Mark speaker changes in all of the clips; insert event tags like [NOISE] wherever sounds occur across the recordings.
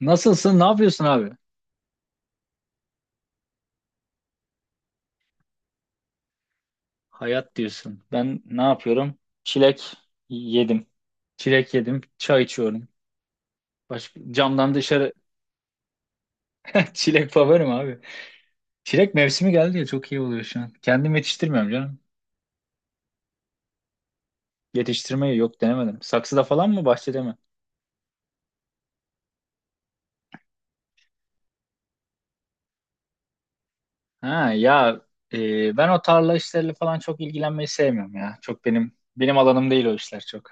Speaker 1: Nasılsın? Ne yapıyorsun abi? Hayat diyorsun. Ben ne yapıyorum? Çilek yedim. Çilek yedim. Çay içiyorum. Başka, camdan dışarı. [LAUGHS] Çilek favorim abi. Çilek mevsimi geldi ya, çok iyi oluyor şu an. Kendim yetiştirmiyorum canım. Yetiştirmeyi yok, denemedim. Saksıda falan mı, bahçede mi? Ha ya, ben o tarla işleriyle falan çok ilgilenmeyi sevmiyorum ya. Çok benim alanım değil o işler çok.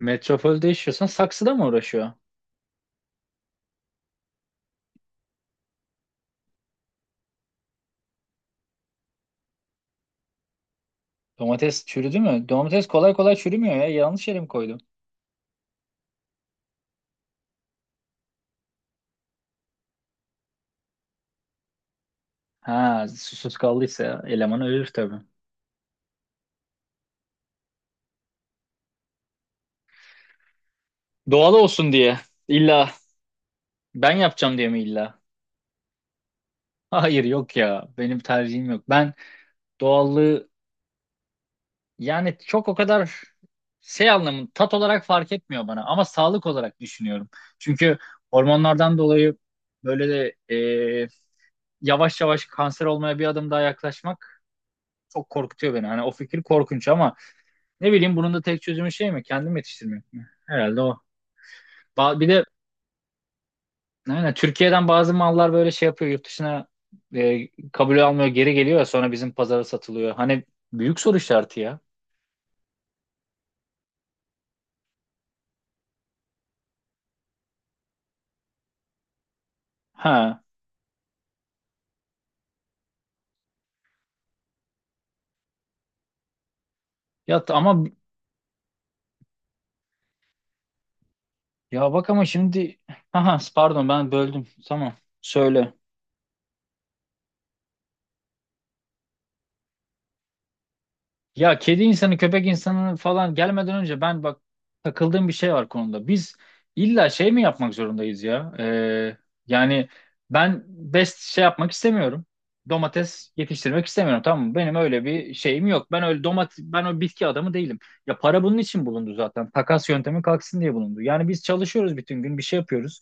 Speaker 1: Metropolde yaşıyorsan saksıda mı uğraşıyor? Domates çürüdü mü? Domates kolay kolay çürümüyor ya. Yanlış yere mi koydum? Ha, susuz kaldıysa eleman ölür tabii. Doğal olsun diye. İlla ben yapacağım diye mi illa? Hayır yok ya. Benim tercihim yok. Ben doğallığı, yani çok o kadar şey, anlamı tat olarak fark etmiyor bana, ama sağlık olarak düşünüyorum. Çünkü hormonlardan dolayı böyle de yavaş yavaş kanser olmaya bir adım daha yaklaşmak çok korkutuyor beni. Hani o fikir korkunç, ama ne bileyim, bunun da tek çözümü şey mi? Kendim yetiştirmek mi? Herhalde o. Bir de aynen. Türkiye'den bazı mallar böyle şey yapıyor. Yurt dışına kabul almıyor. Geri geliyor ya, sonra bizim pazara satılıyor. Hani büyük soru işareti ya. Ha. Ya ama, ya bak ama şimdi, aha, pardon, ben böldüm. Tamam. Söyle. Ya, kedi insanı, köpek insanı falan gelmeden önce, ben bak, takıldığım bir şey var konuda. Biz illa şey mi yapmak zorundayız ya? Yani, ben best şey yapmak istemiyorum. Domates yetiştirmek istemiyorum, tamam mı? Benim öyle bir şeyim yok. Ben öyle domates, ben o bitki adamı değilim. Ya, para bunun için bulundu zaten. Takas yöntemi kalksın diye bulundu. Yani biz çalışıyoruz bütün gün, bir şey yapıyoruz.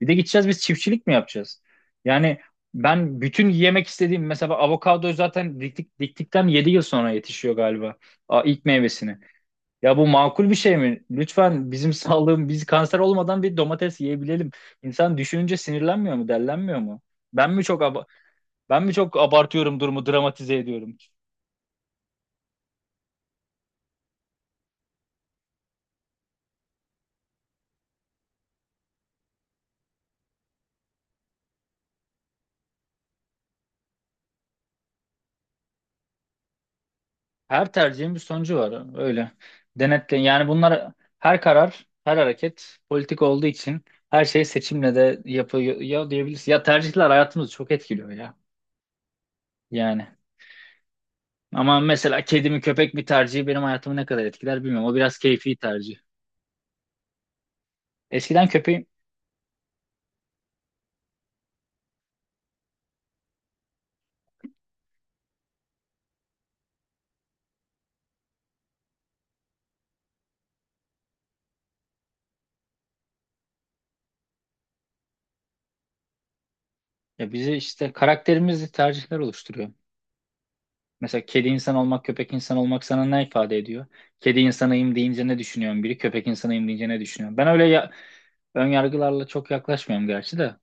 Speaker 1: Bir de gideceğiz biz çiftçilik mi yapacağız? Yani ben bütün yemek istediğim mesela avokado, zaten diktik, diktikten 7 yıl sonra yetişiyor galiba, aa, ilk meyvesini. Ya bu makul bir şey mi? Lütfen bizim [LAUGHS] sağlığım, biz kanser olmadan bir domates yiyebilelim. İnsan düşününce sinirlenmiyor mu, dellenmiyor mu? Ben mi çok aba- Ben mi çok abartıyorum durumu, dramatize ediyorum? Her tercihin bir sonucu var, öyle. Denetle, yani bunlar, her karar, her hareket politik olduğu için, her şey seçimle de yapıyor ya diyebiliriz. Ya, tercihler hayatımızı çok etkiliyor ya. Yani. Ama mesela kedi mi köpek mi tercihi benim hayatımı ne kadar etkiler bilmiyorum. O biraz keyfi tercih. Eskiden köpeğin, ya, bizi işte karakterimizi tercihler oluşturuyor. Mesela kedi insan olmak, köpek insan olmak sana ne ifade ediyor? Kedi insanıyım deyince ne düşünüyorsun biri, köpek insanıyım deyince ne düşünüyorsun? Ben öyle ya, ön yargılarla çok yaklaşmıyorum gerçi de.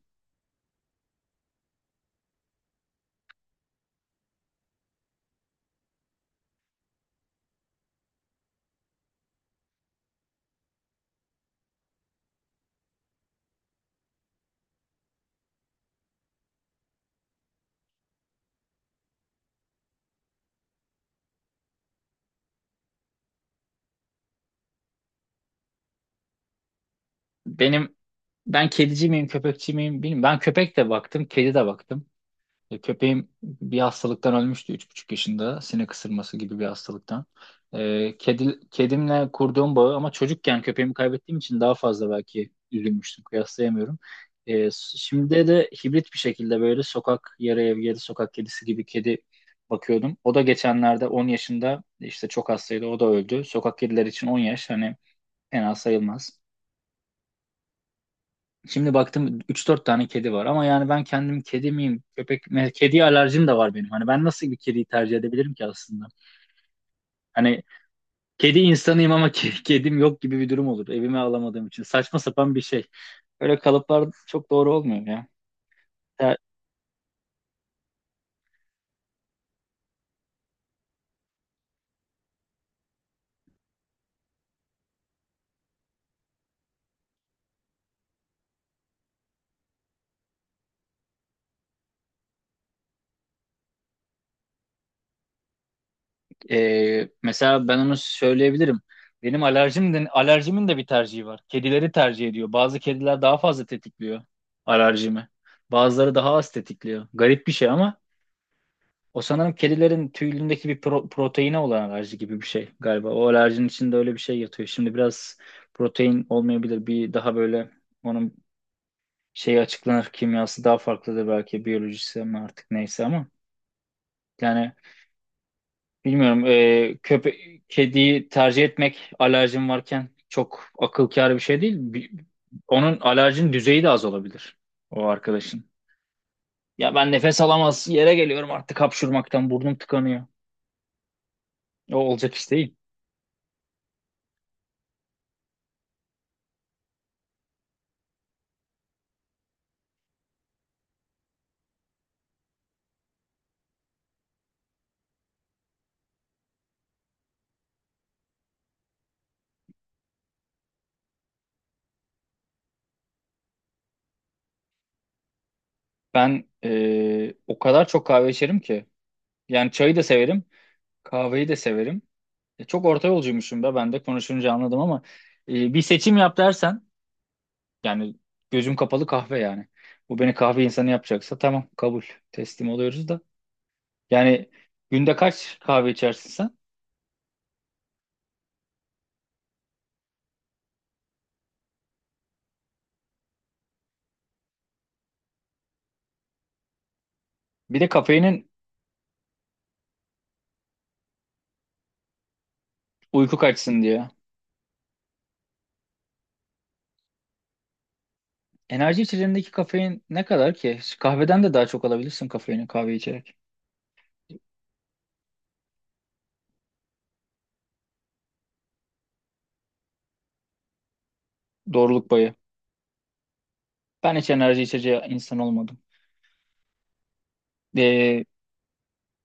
Speaker 1: Benim, ben kedici miyim, köpekçi miyim bilmiyorum. Ben köpek de baktım, kedi de baktım. Köpeğim bir hastalıktan ölmüştü 3,5 yaşında. Sinek ısırması gibi bir hastalıktan. Kedimle kurduğum bağı, ama çocukken köpeğimi kaybettiğim için daha fazla belki üzülmüştüm. Kıyaslayamıyorum. Şimdi de hibrit bir şekilde, böyle sokak, yarı ev yarı sokak kedisi gibi kedi bakıyordum. O da geçenlerde 10 yaşında, işte çok hastaydı, o da öldü. Sokak kediler için 10 yaş hani fena sayılmaz. Şimdi baktım 3-4 tane kedi var, ama yani ben kendim kedi miyim, köpek mi? Kediye alerjim de var benim. Hani ben nasıl bir kediyi tercih edebilirim ki aslında? Hani kedi insanıyım ama [LAUGHS] kedim yok gibi bir durum olur. Evime alamadığım için. Saçma sapan bir şey. Öyle kalıplar çok doğru olmuyor ya. Ya, mesela ben onu söyleyebilirim. Alerjimin de bir tercihi var. Kedileri tercih ediyor. Bazı kediler daha fazla tetikliyor alerjimi. Bazıları daha az tetikliyor. Garip bir şey ama, o sanırım kedilerin tüyündeki bir proteine olan alerji gibi bir şey galiba. O alerjinin içinde öyle bir şey yatıyor. Şimdi biraz protein olmayabilir. Bir daha böyle onun şeyi açıklanır. Kimyası daha farklıdır belki. Biyolojisi mi artık, neyse ama. Yani bilmiyorum. E, köpe Kediyi tercih etmek alerjin varken çok akıl kârı bir şey değil. Onun alerjin düzeyi de az olabilir. O arkadaşın. Ya, ben nefes alamaz yere geliyorum artık hapşurmaktan. Burnum tıkanıyor. O olacak iş değil. Ben o kadar çok kahve içerim ki. Yani çayı da severim, kahveyi de severim. Çok orta yolcuymuşum da ben de konuşunca anladım, ama bir seçim yap dersen, yani gözüm kapalı kahve yani. Bu beni kahve insanı yapacaksa tamam, kabul, teslim oluyoruz da. Yani günde kaç kahve içersin sen? Bir de kafeinin uyku kaçsın diye. Enerji içeceğindeki kafein ne kadar ki? Kahveden de daha çok alabilirsin kafeini kahve içerek. Doğruluk payı. Ben hiç enerji içeceği insan olmadım.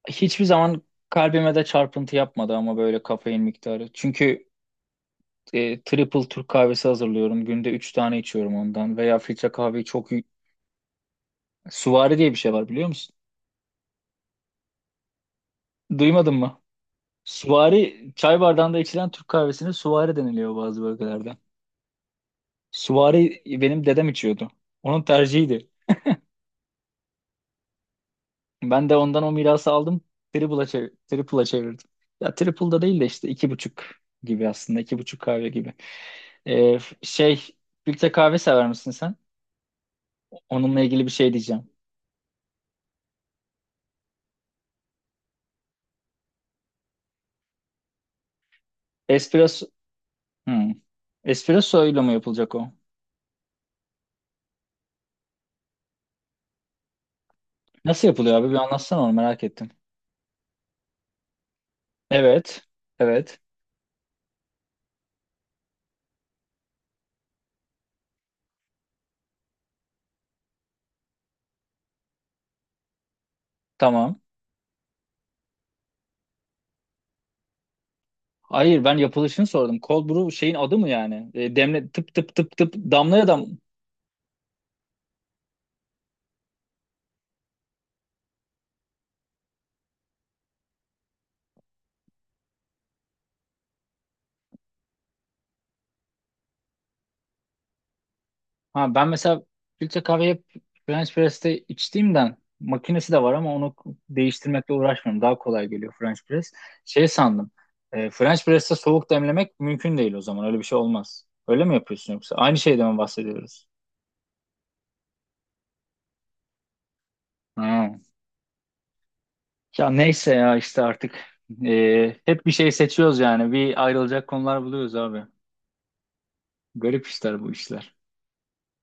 Speaker 1: Hiçbir zaman kalbime de çarpıntı yapmadı ama, böyle kafein miktarı. Çünkü triple Türk kahvesi hazırlıyorum. Günde 3 tane içiyorum ondan. Veya filtre kahveyi çok... Suvari diye bir şey var, biliyor musun? Duymadın mı? Suvari, çay bardağında içilen Türk kahvesine suvari deniliyor bazı bölgelerde. Suvari benim dedem içiyordu. Onun tercihiydi. Ben de ondan o mirası aldım. Triple'a çevirdim. Ya triple'da değil de işte 2,5 gibi aslında. 2,5 kahve gibi. Ee, f- şey, Filtre kahve sever misin sen? Onunla ilgili bir şey diyeceğim. Espresso, hmm. Espresso ile mi yapılacak o? Nasıl yapılıyor abi? Bir anlatsana, onu merak ettim. Evet, evet, tamam. Hayır, ben yapılışını sordum. Cold brew şeyin adı mı yani? Demle tıp tıp tıp tıp damlaya dam. Ha, ben mesela filtre kahve hep French press'te içtiğimden, makinesi de var ama onu değiştirmekle uğraşmıyorum. Daha kolay geliyor French press. Şey sandım. French press'te soğuk demlemek mümkün değil o zaman. Öyle bir şey olmaz. Öyle mi yapıyorsun yoksa? Aynı şeyden mi bahsediyoruz? Ha. Ya neyse ya, işte artık hep bir şey seçiyoruz yani. Bir ayrılacak konular buluyoruz abi. Garip işler bu işler.